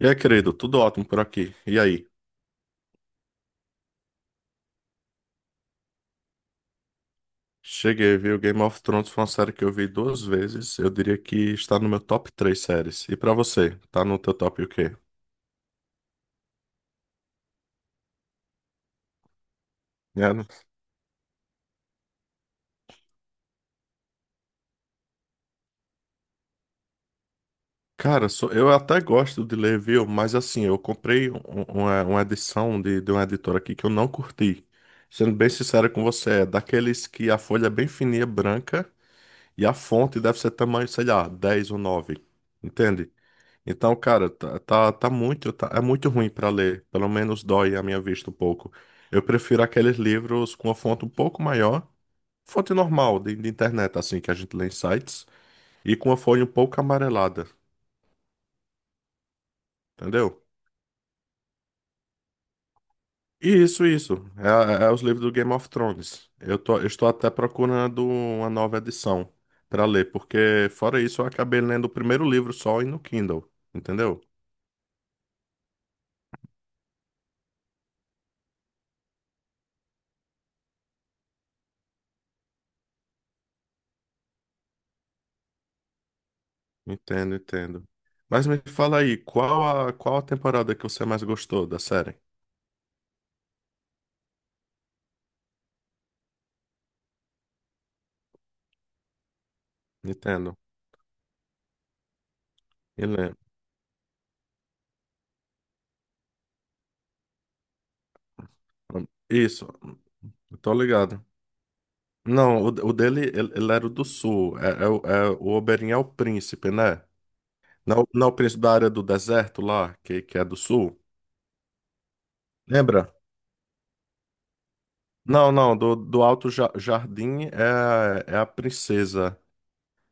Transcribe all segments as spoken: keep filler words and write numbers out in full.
E aí, querido, tudo ótimo por aqui. E aí? Cheguei, viu? Game of Thrones foi uma série que eu vi duas vezes. Eu diria que está no meu top três séries. E pra você, tá no teu top o quê? É, né? Cara, sou- eu até gosto de ler, viu? Mas assim, eu comprei um- um, uma, uma edição de, de uma editora aqui que eu não curti. Sendo bem sincero com você, é daqueles que a folha é bem fininha, branca, e a fonte deve ser tamanho, sei lá, dez ou nove. Entende? Então, cara, tá, tá, tá muito, tá- é muito ruim pra ler. Pelo menos dói a minha vista um pouco. Eu prefiro aqueles livros com a fonte um pouco maior, fonte normal de, de internet, assim, que a gente lê em sites, e com a folha um pouco amarelada, entendeu? E isso, isso. É, é é os livros do Game of Thrones. Eu tô, eu estou até procurando uma nova edição pra ler, porque fora isso eu acabei lendo o primeiro livro só e no Kindle, entendeu? Entendo, entendo. Mas me fala aí, qual a, qual a temporada que você mais gostou da série? Entendo. Ele é. Isso, eu tô ligado. Não, o, o dele, ele, ele era o do sul. É, é, o é o Oberyn é o príncipe, né? Não, não é o príncipe da área do deserto lá, que, que é do sul. Lembra? Não, não, do, do Alto Ja- Jardim é, é a princesa.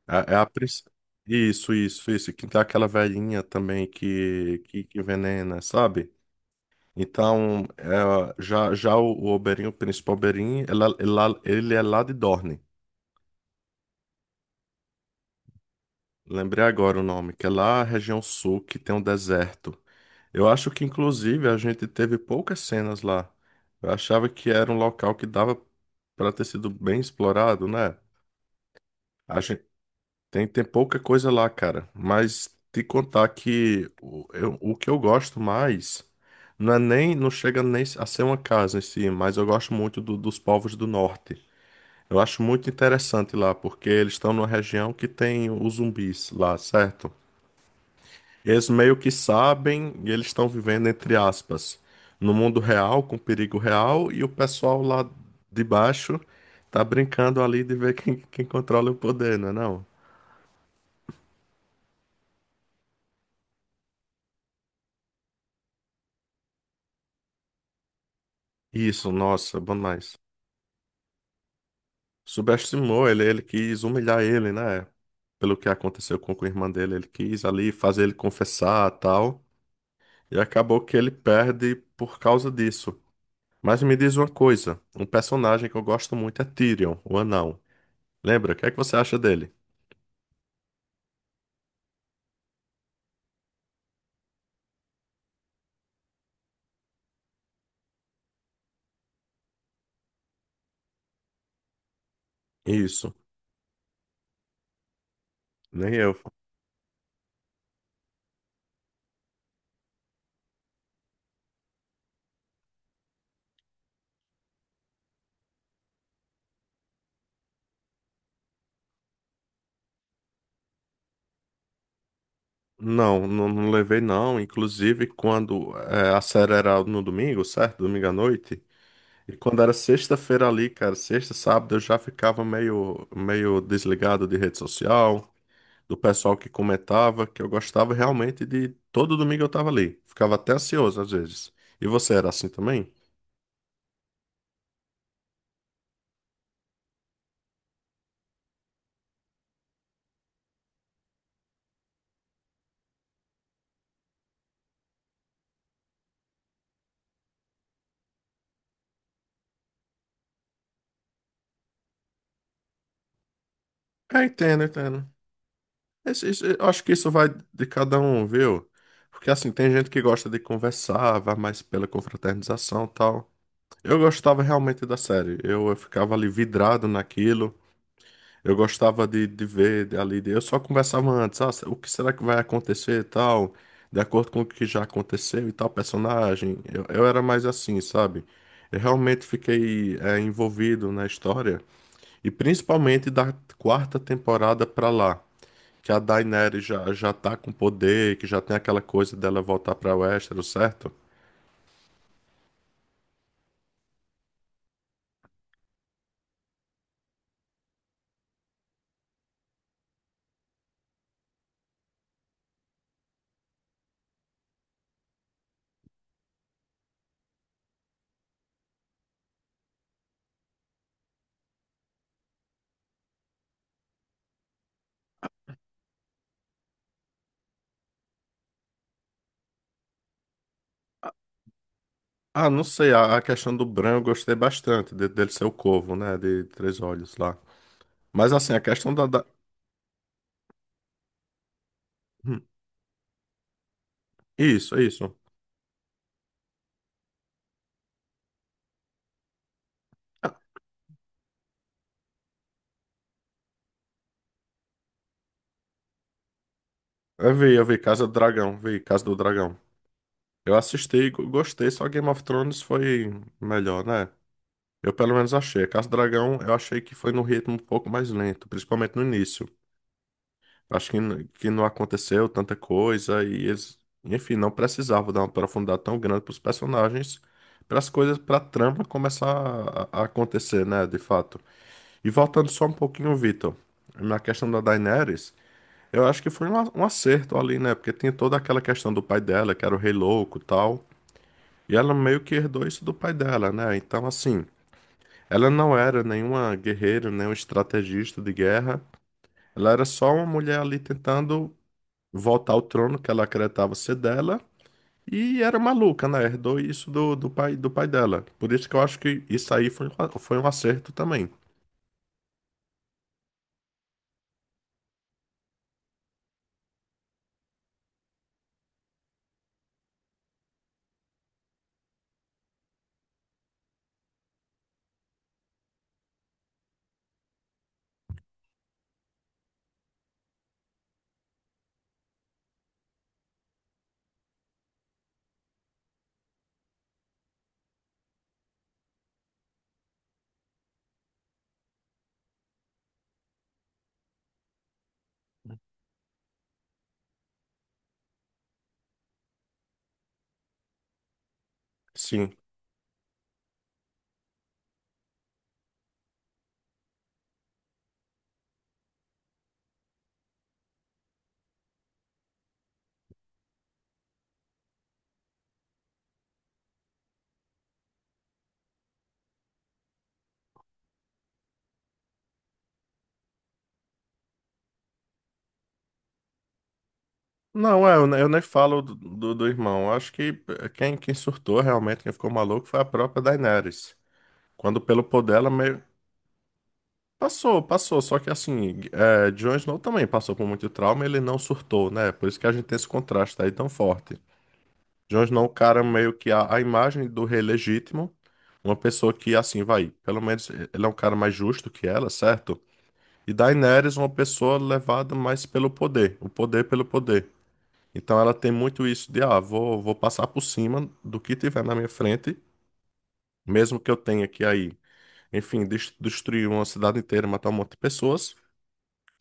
É, é a princesa. Isso, isso, isso. Que tem aquela velhinha também que, que, que envenena, sabe? Então, é, já, já o, o Oberinho, o Príncipe Oberyn, ela- ela- ele é lá de Dorne. Lembrei agora o nome, que é lá a região sul, que tem um deserto. Eu acho que, inclusive, a gente teve poucas cenas lá. Eu achava que era um local que dava para ter sido bem explorado, né? A gente tem, tem pouca coisa lá, cara. Mas te contar que o, eu- o que eu gosto mais não é nem, não chega nem a ser uma casa em si, mas eu gosto muito do- dos povos do norte. Eu acho muito interessante lá, porque eles estão numa região que tem os zumbis lá, certo? Eles meio que sabem e eles estão vivendo, entre aspas, no mundo real, com perigo real, e o pessoal lá de baixo tá brincando ali de ver quem, quem controla o poder, não é não? Isso, nossa, bom demais. Subestimou ele, ele quis humilhar ele, né? Pelo que aconteceu com a irmã dele, ele quis ali fazer ele confessar tal, e acabou que ele perde por causa disso. Mas me diz uma coisa, um personagem que eu gosto muito é Tyrion, o anão. Lembra? O que é que você acha dele? Isso, nem eu. Não, não, não levei não. Inclusive, quando é, a série era no domingo, certo? Domingo à noite. E quando era sexta-feira ali, cara, sexta, sábado, eu já ficava meio, meio desligado de rede social, do pessoal que comentava, que eu gostava realmente de. Todo domingo eu tava ali. Ficava até ansioso às vezes. E você era assim também? É, entendo, entendo. Esse- esse- eu acho que isso vai de cada um, viu? Porque assim, tem gente que gosta de conversar, vai mais pela confraternização e tal. Eu gostava realmente da série. Eu, eu ficava ali vidrado naquilo. Eu gostava de, de ver de- ali. de- eu só conversava antes, ah, o que será que vai acontecer e tal, de acordo com o que já aconteceu e tal, personagem. Eu, eu era mais assim, sabe? Eu realmente fiquei eh, envolvido na história. E principalmente da quarta temporada pra lá. Que a Daenerys já, já tá com poder, que já tem aquela coisa dela voltar pra Westeros, certo? Ah, não sei, a, a questão do Bran eu gostei bastante, de- dele ser o corvo, né, de três olhos lá. Mas assim, a questão da... da... Hum. Isso, isso. Ah. Eu vi, eu vi Casa do Dragão, vi Casa do Dragão. Eu assisti, e go- gostei, só Game of Thrones foi melhor, né? Eu pelo menos achei. Casa do Dragão eu achei que foi num ritmo um pouco mais lento, principalmente no início. Acho que, n- que não aconteceu tanta coisa e eles, enfim, não precisavam dar uma profundidade tão grande para os personagens, para as coisas, para a trama começar a, a acontecer, né, de fato. E voltando só um pouquinho, Vitor, na questão da Daenerys, eu acho que foi um, a- um acerto ali, né, porque tem toda aquela questão do pai dela, que era o Rei Louco e tal, e ela meio que herdou isso do pai dela, né, então assim, ela não era nenhuma guerreira, nenhuma estrategista de guerra, ela era só uma mulher ali tentando voltar ao trono que ela acreditava ser dela. E era maluca, né? Herdou isso do, do pai, do pai dela. Por isso que eu acho que isso aí foi, um a- foi um acerto também. Sim. Não, é, eu, ne- eu nem falo do, do, do irmão. Eu acho que eh, quem, quem surtou realmente, quem ficou maluco, foi a própria Daenerys. Quando pelo poder ela meio. Passou, passou. Só que assim, é, Jon Snow também passou por muito trauma, ele não surtou, né? Por isso que a gente tem esse contraste aí tão forte. Jones não, é um cara meio que a, a imagem do rei legítimo, uma pessoa que assim vai, pelo menos ele é um cara mais justo que ela, certo? E Daenerys, é uma pessoa levada mais pelo poder, o poder pelo poder. Então ela tem muito isso de, ah, vou, vou passar por cima do que tiver na minha frente, mesmo que eu tenha que aí, enfim, des- destruir uma cidade inteira, matar um monte de pessoas,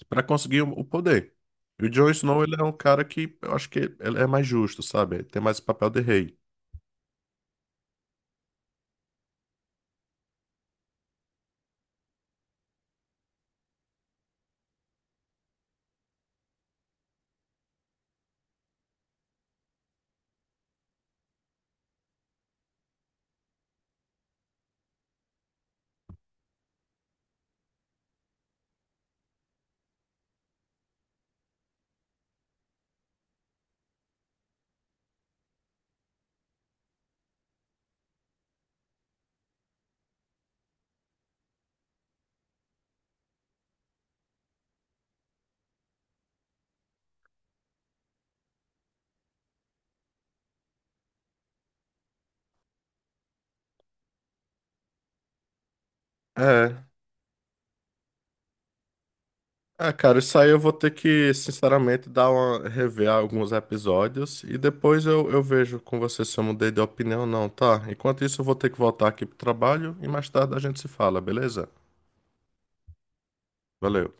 para conseguir o, o poder. E o Jon Snow, ele é um cara que eu acho que ele é mais justo, sabe? Ele tem mais papel de rei. É. Ah, cara, isso aí eu vou ter que, sinceramente, dar uma, rever alguns episódios e depois eu, eu vejo com você se eu mudei de opinião ou não, tá? Enquanto isso, eu vou ter que voltar aqui pro trabalho e mais tarde a gente se fala, beleza? Valeu.